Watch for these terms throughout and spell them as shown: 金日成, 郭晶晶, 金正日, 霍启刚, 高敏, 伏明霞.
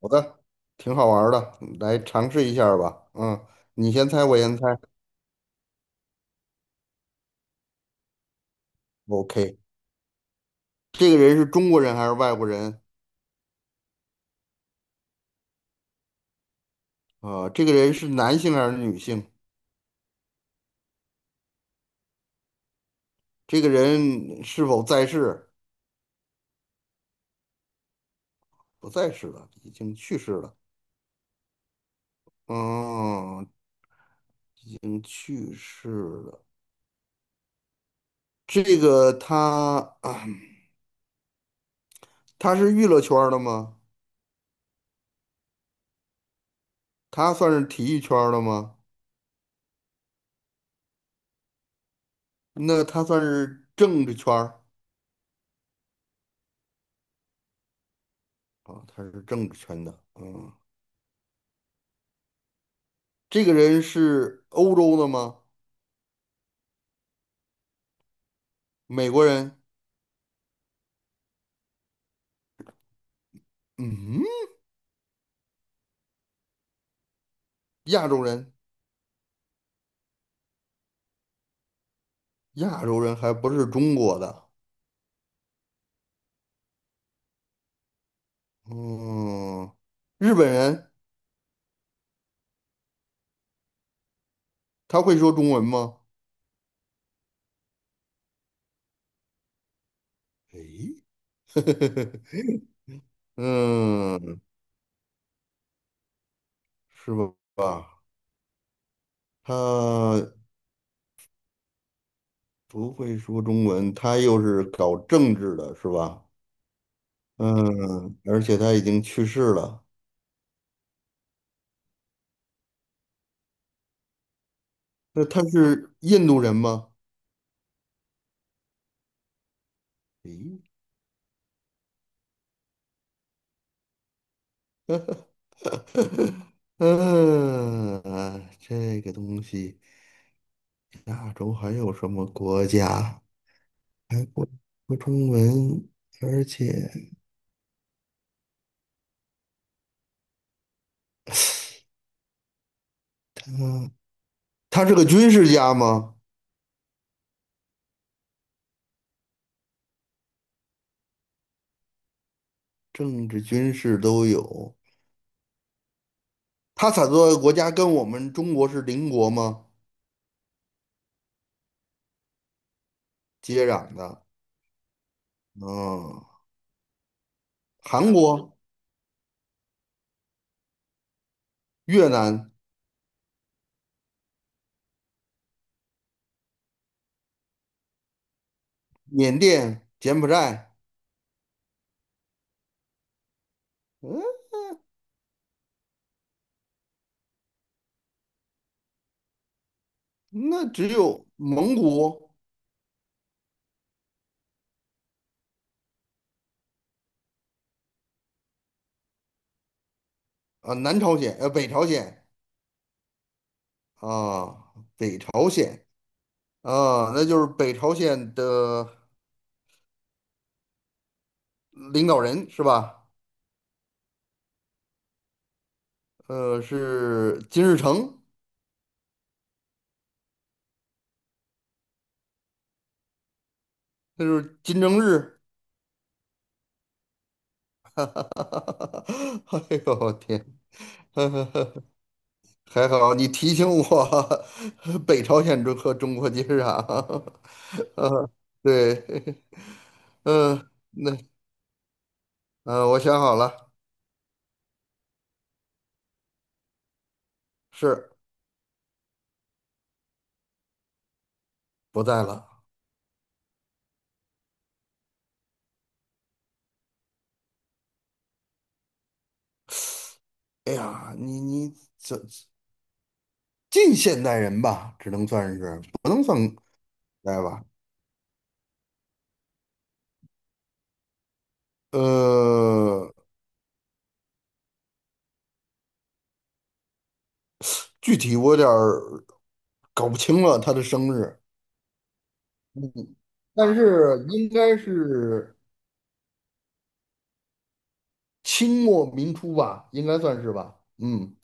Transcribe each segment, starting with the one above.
好的，挺好玩儿的，来尝试一下儿吧。嗯，你先猜，我先猜。OK，这个人是中国人还是外国人？啊，这个人是男性还是女性？这个人是否在世？不在世了，已经去世了。嗯，已经去世了。这个他，他是娱乐圈儿的吗？他算是体育圈儿的吗？那他算是政治圈儿啊，他是政治圈的。嗯。这个人是欧洲的吗？美国人？嗯，亚洲人？亚洲人还不是中国的。嗯，日本人。他会说中文吗？诶，嗯，是吧？他不会说中文，他又是搞政治的，是吧？嗯，而且他已经去世了。那他是印度人吗？诶，嗯，啊这个东西，亚洲还有什么国家还不说中文？而且，嗯，他是个军事家吗？政治、军事都有。他所在的国家跟我们中国是邻国吗？接壤的。嗯，韩国、越南、缅甸、柬埔寨，嗯，那只有蒙古啊、南朝鲜、北朝鲜。啊，北朝鲜啊，那就是北朝鲜的领导人是吧？是金日成，那就是金正日。哎呦我天，还好你提醒我，北朝鲜和中国接壤。呃，对，那我想好了，是。不在了。哎呀，你这近现代人吧，只能算是不能算古代吧。呃，具体我有点儿搞不清了他的生日，但是应该是清末民初吧，应该算是吧。嗯，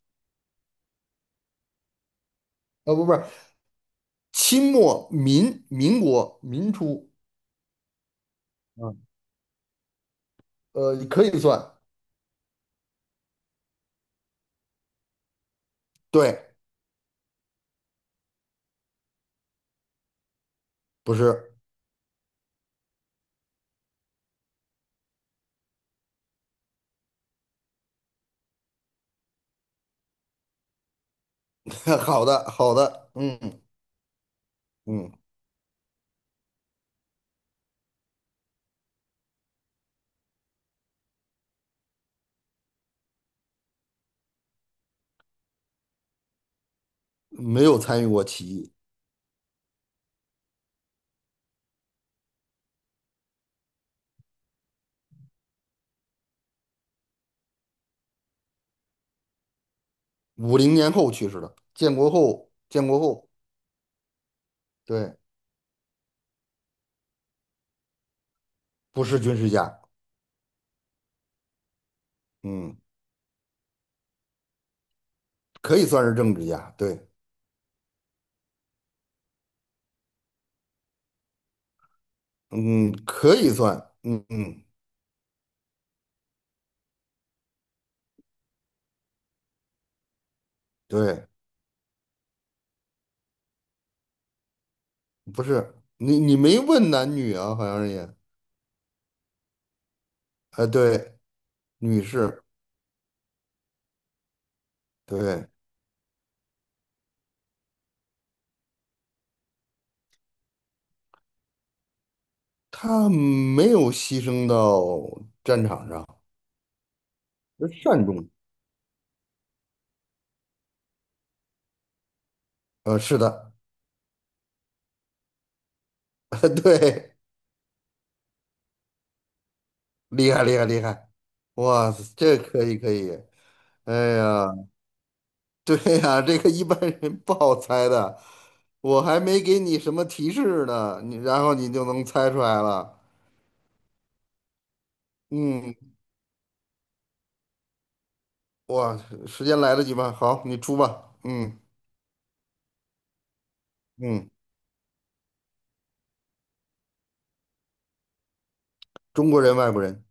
啊不是，清末民民国民初，嗯，可以算，对，不是，好的好的，嗯嗯，没有参与过起义，50年后去世的，建国后，对，不是军事家，嗯，可以算是政治家，对。嗯，可以算，嗯嗯，对，不是你没问男女啊，好像是也，哎，对，女士，对，她没有牺牲到战场上，是善终，是的，对，厉害厉害厉害，哇塞，这可以可以，哎呀，对呀，这个一般人不好猜的，我还没给你什么提示呢，然后你就能猜出来了，嗯。哇，时间来得及吗？好，你出吧。嗯嗯，中国人、外国人，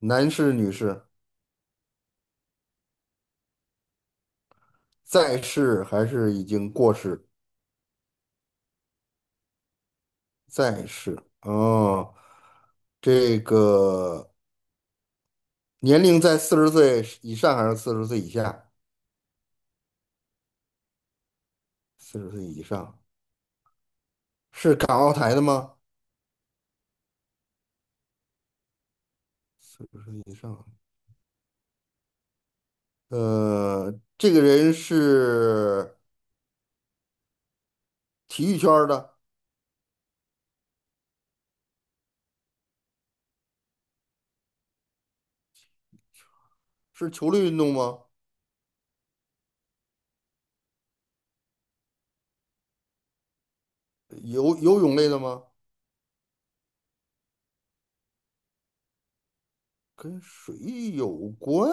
男士、女士，在世还是已经过世？在世。哦，这个年龄在四十岁以上还是四十岁以下？四十岁以上，是港澳台的吗？四十岁以上。这个人是体育圈儿的，是球类运动吗？游泳类的吗？跟水有关？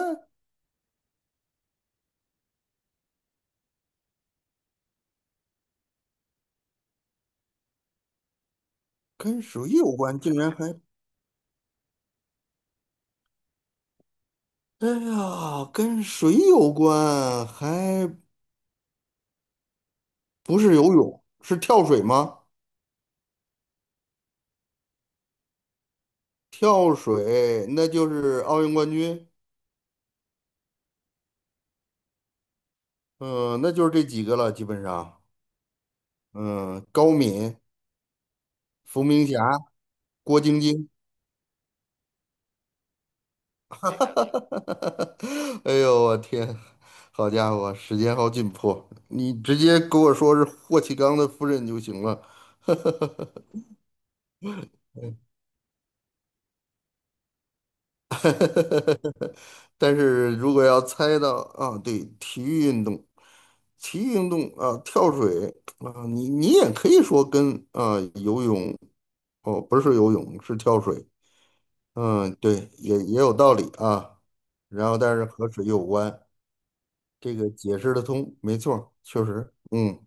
跟水有关，竟然还，哎呀，跟水有关，还不是游泳，是跳水吗？跳水，那就是奥运冠军，嗯、那就是这几个了，基本上，嗯、高敏、伏明霞、郭晶晶，哎呦，我天，好家伙，时间好紧迫，你直接给我说是霍启刚的夫人就行了，呵呵呵但是如果要猜到啊，对，体育运动，体育运动啊，跳水啊，你也可以说跟啊游泳哦，不是游泳，是跳水，嗯，对，也有道理啊。然后但是和水有关，这个解释的通，没错儿确实，嗯，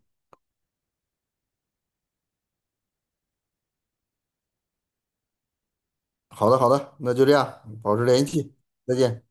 好的好的，那就这样，保持联系，再见。